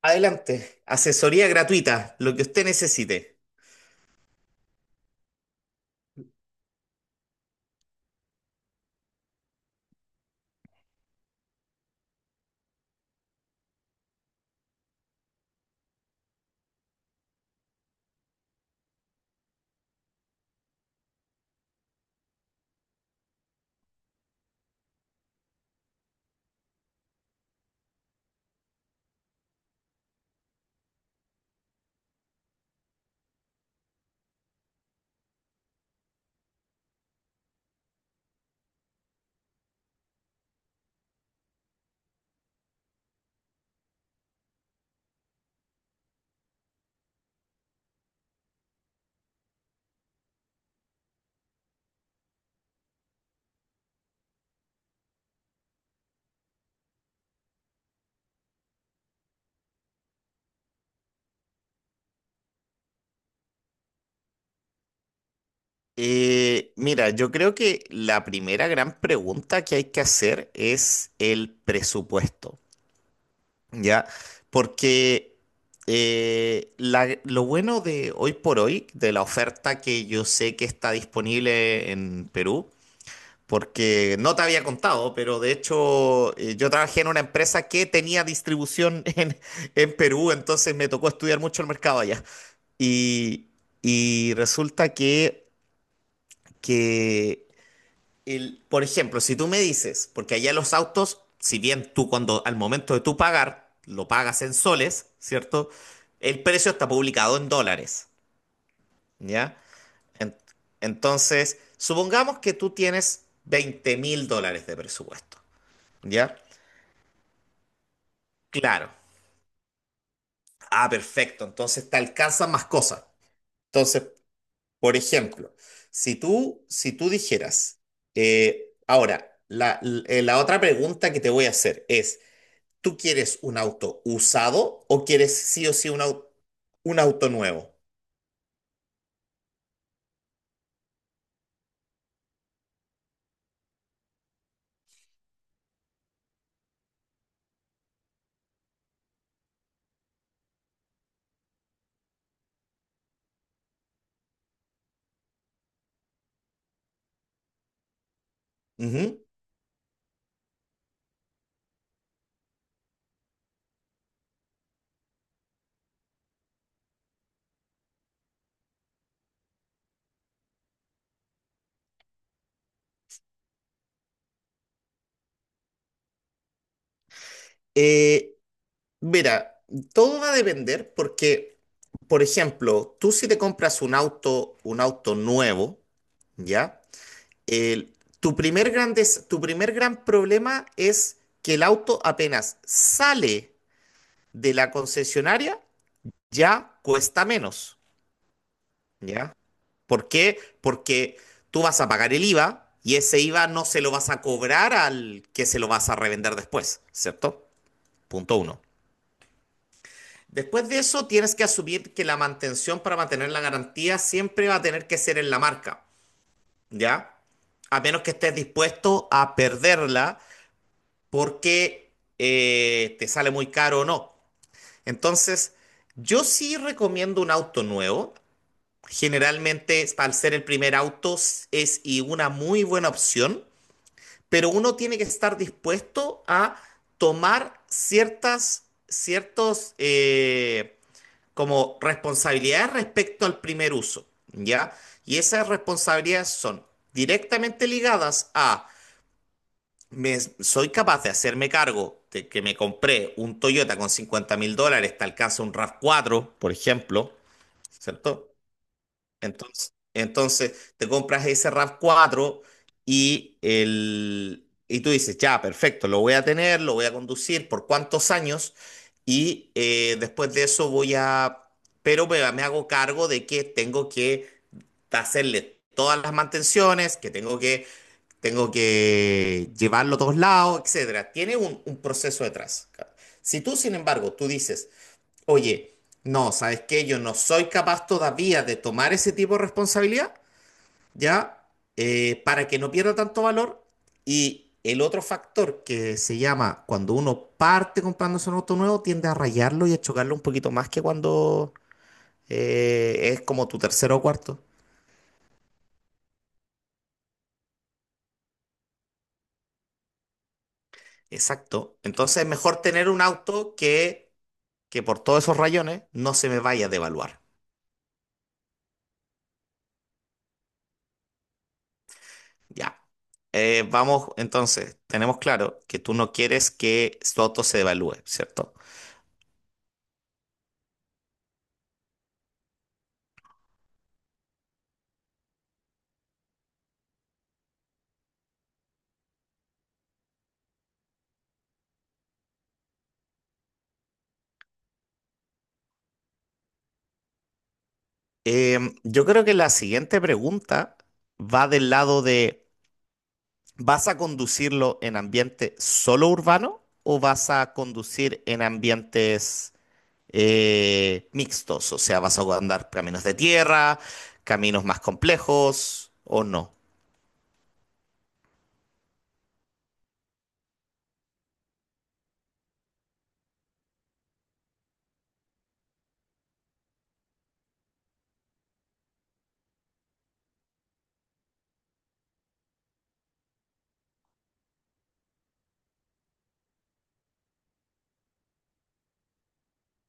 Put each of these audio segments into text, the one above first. Adelante, asesoría gratuita, lo que usted necesite. Mira, yo creo que la primera gran pregunta que hay que hacer es el presupuesto, ¿ya? Porque lo bueno de hoy por hoy, de la oferta que yo sé que está disponible en Perú, porque no te había contado, pero de hecho yo trabajé en una empresa que tenía distribución en Perú, entonces me tocó estudiar mucho el mercado allá. Y, y resulta que por ejemplo, si tú me dices, porque allá los autos, si bien tú cuando al momento de tú pagar, lo pagas en soles, ¿cierto? El precio está publicado en dólares, ¿ya? En- entonces, supongamos que tú tienes $20,000 de presupuesto, ¿ya? Claro. Ah, perfecto. Entonces te alcanzan más cosas. Entonces, por ejemplo, si tú dijeras, ahora, la otra pregunta que te voy a hacer es, ¿tú quieres un auto usado o quieres sí o sí un auto nuevo? Ujú. Eh, Mira, todo va a depender porque, por ejemplo, tú si te compras un auto nuevo, ¿ya? El- tu primer gran problema es que el auto apenas sale de la concesionaria ya cuesta menos, ¿ya? ¿Por qué? Porque tú vas a pagar el IVA y ese IVA no se lo vas a cobrar al que se lo vas a revender después, ¿cierto? Punto uno. Después de eso, tienes que asumir que la mantención para mantener la garantía siempre va a tener que ser en la marca, ¿ya? A menos que estés dispuesto a perderla porque te sale muy caro o no. Entonces, yo sí recomiendo un auto nuevo. Generalmente, al ser el primer auto, es y una muy buena opción, pero uno tiene que estar dispuesto a tomar ciertos, como responsabilidades respecto al primer uso, ¿ya? Y esas responsabilidades son directamente ligadas a, soy capaz de hacerme cargo de que me compré un Toyota con $50,000, te alcanza un RAV4, por ejemplo, ¿cierto? Entonces, entonces te compras ese RAV4 y, el, y tú dices, ya, perfecto, lo voy a tener, lo voy a conducir por cuántos años y después de eso voy a, pero me hago cargo de que tengo que hacerle todas las mantenciones, que tengo que llevarlo a todos lados, etcétera. Tiene un proceso detrás. Si tú, sin embargo, tú dices, oye, no, ¿sabes qué? Yo no soy capaz todavía de tomar ese tipo de responsabilidad, ¿ya? Para que no pierda tanto valor. Y el otro factor que se llama cuando uno parte comprándose un auto nuevo, tiende a rayarlo y a chocarlo un poquito más que cuando es como tu tercero o cuarto. Exacto. Entonces es mejor tener un auto que por todos esos rayones no se me vaya a devaluar. Ya. Vamos, entonces, tenemos claro que tú no quieres que su auto se devalúe, ¿cierto? Yo creo que la siguiente pregunta va del lado de, ¿vas a conducirlo en ambiente solo urbano o vas a conducir en ambientes mixtos? O sea, ¿vas a andar caminos de tierra, caminos más complejos o no?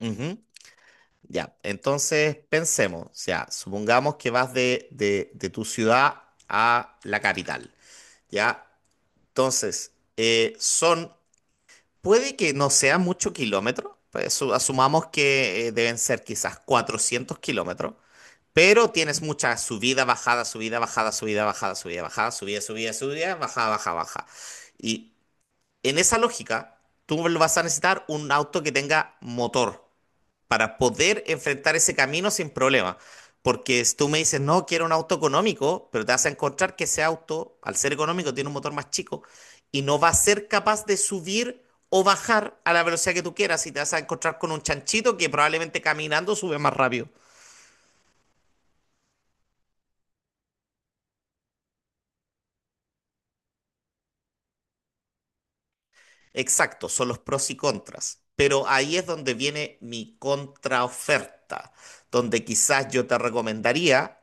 Ujú. Ya, entonces pensemos, o sea, supongamos que vas de tu ciudad a la capital, ¿ya? Entonces, puede que no sea mucho kilómetro, pues, asumamos que deben ser quizás 400 kilómetros, pero tienes mucha subida, bajada, subida, bajada, subida, bajada, subida, bajada, subida, subida, subida, bajada, baja, baja. Y en esa lógica, tú vas a necesitar un auto que tenga motor para poder enfrentar ese camino sin problema. Porque si tú me dices, no, quiero un auto económico, pero te vas a encontrar que ese auto, al ser económico, tiene un motor más chico y no va a ser capaz de subir o bajar a la velocidad que tú quieras y te vas a encontrar con un chanchito que probablemente caminando sube más rápido. Exacto, son los pros y contras. Pero ahí es donde viene mi contraoferta, donde quizás yo te recomendaría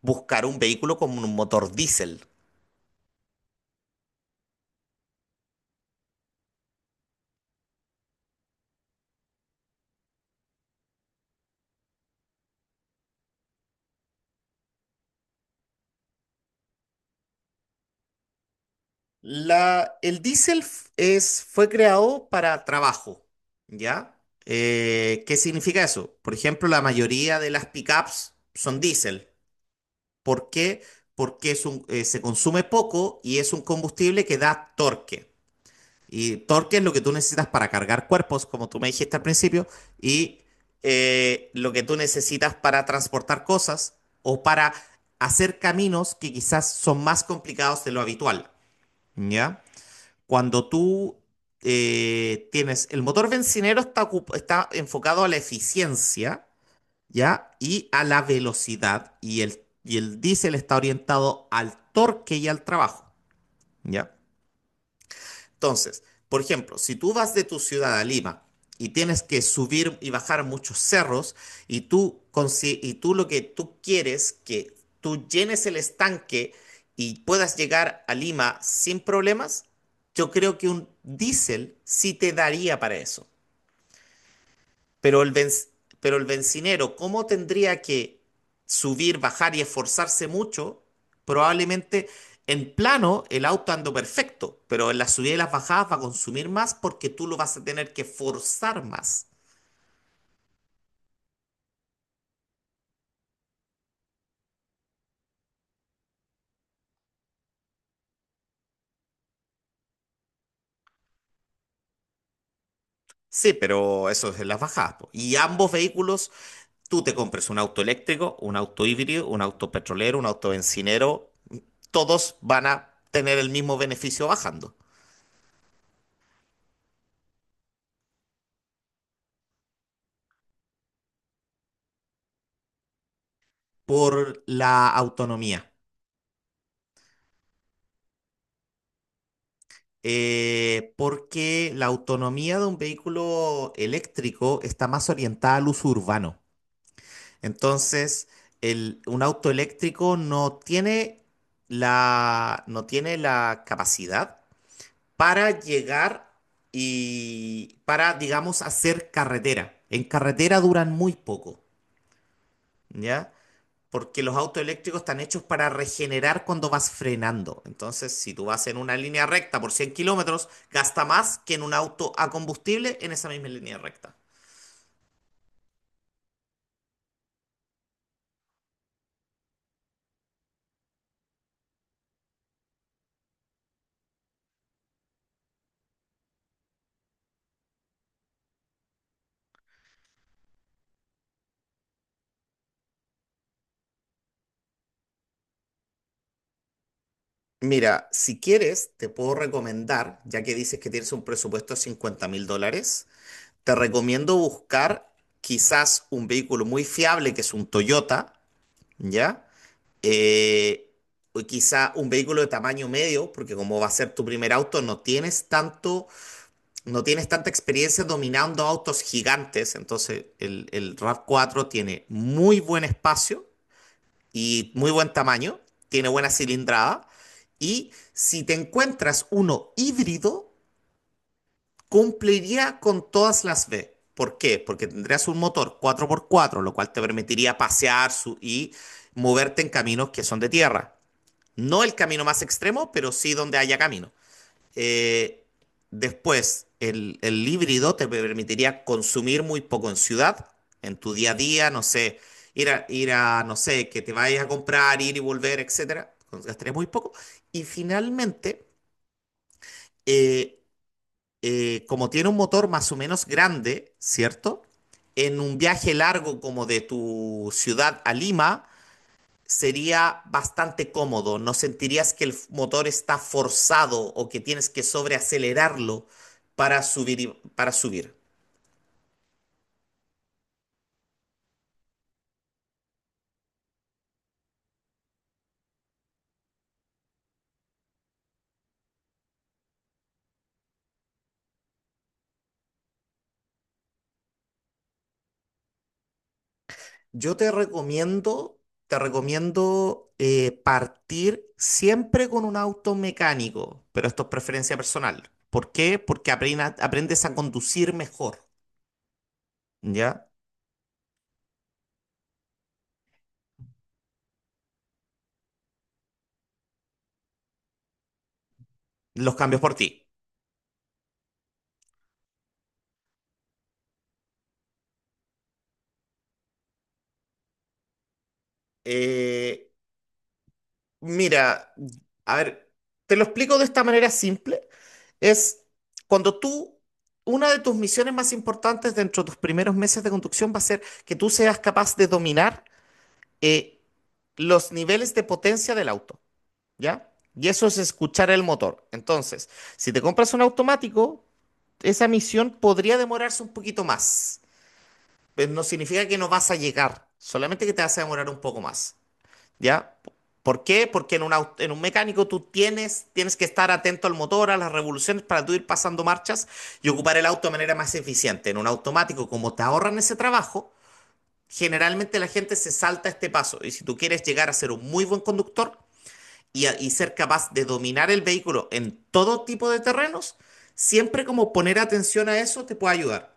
buscar un vehículo con un motor diésel. El diésel fue creado para trabajo, ¿ya? ¿Qué significa eso? Por ejemplo, la mayoría de las pickups son diésel. ¿Por qué? Porque se consume poco y es un combustible que da torque. Y torque es lo que tú necesitas para cargar cuerpos, como tú me dijiste al principio, y lo que tú necesitas para transportar cosas o para hacer caminos que quizás son más complicados de lo habitual, ¿ya? Cuando tú el motor bencinero está enfocado a la eficiencia, ¿ya? Y a la velocidad, y el diésel está orientado al torque y al trabajo, ¿ya? Entonces, por ejemplo, si tú vas de tu ciudad a Lima y tienes que subir y bajar muchos cerros y tú lo que tú quieres que tú llenes el estanque y puedas llegar a Lima sin problemas, yo creo que un diésel sí te daría para eso. Pero el benz- pero el bencinero, ¿cómo tendría que subir, bajar y esforzarse mucho? Probablemente en plano el auto ando perfecto, pero en las subidas y las bajadas va a consumir más porque tú lo vas a tener que forzar más. Sí, pero eso es en las bajadas, po. Y ambos vehículos, tú te compres un auto eléctrico, un auto híbrido, un auto petrolero, un auto bencinero, todos van a tener el mismo beneficio bajando por la autonomía. Porque la autonomía de un vehículo eléctrico está más orientada al uso urbano. Entonces, un auto eléctrico no tiene la capacidad para llegar y para, digamos, hacer carretera. En carretera duran muy poco, ¿ya? Porque los autos eléctricos están hechos para regenerar cuando vas frenando. Entonces, si tú vas en una línea recta por 100 kilómetros, gasta más que en un auto a combustible en esa misma línea recta. Mira, si quieres, te puedo recomendar, ya que dices que tienes un presupuesto de 50 mil dólares, te recomiendo buscar quizás un vehículo muy fiable, que es un Toyota, ¿ya? Eh, o quizá un vehículo de tamaño medio, porque como va a ser tu primer auto, no tienes tanta experiencia dominando autos gigantes, entonces el RAV4 tiene muy buen espacio y muy buen tamaño, tiene buena cilindrada y si te encuentras uno híbrido, cumpliría con todas las B. ¿Por qué? Porque tendrías un motor 4x4, lo cual te permitiría pasear y moverte en caminos que son de tierra. No el camino más extremo, pero sí donde haya camino. Eh, Después, el híbrido te permitiría consumir muy poco en ciudad, en tu día a día, no sé, ir a, no sé, que te vayas a comprar, ir y volver, etcétera. Gastarías muy poco. Y finalmente, eh, como tiene un motor más o menos grande, ¿cierto? En un viaje largo como de tu ciudad a Lima, sería bastante cómodo. No sentirías que el motor está forzado o que tienes que sobreacelerarlo para subir, y- para subir. Yo te recomiendo partir siempre con un auto mecánico, pero esto es preferencia personal. ¿Por qué? Porque aprendes a conducir mejor, ¿ya? Los cambios por ti. Eh, Mira, a ver, te lo explico de esta manera simple. Es cuando tú, una de tus misiones más importantes dentro de tus primeros meses de conducción va a ser que tú seas capaz de dominar eh, los niveles de potencia del auto, ¿ya? Y eso es escuchar el motor. Entonces, si te compras un automático, esa misión podría demorarse un poquito más. Pero no significa que no vas a llegar, solamente que te vas a demorar un poco más. ¿Ya? ¿Por qué? Porque en un mecánico tú tienes que estar atento al motor, a las revoluciones para tú ir pasando marchas y ocupar el auto de manera más eficiente. En un automático, como te ahorran ese trabajo, generalmente la gente se salta este paso. Y si tú quieres llegar a ser un muy buen conductor y ser capaz de dominar el vehículo en todo tipo de terrenos, siempre como poner atención a eso te puede ayudar.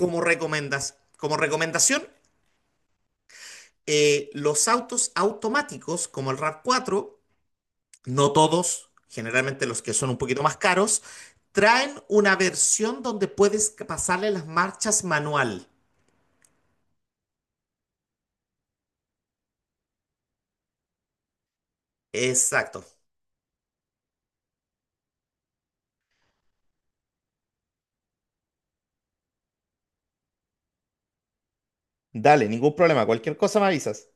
Como recomendación, los autos automáticos como el RAV4 no todos, generalmente los que son un poquito más caros, traen una versión donde puedes pasarle las marchas manual. Exacto. Dale, ningún problema. Cualquier cosa me avisas.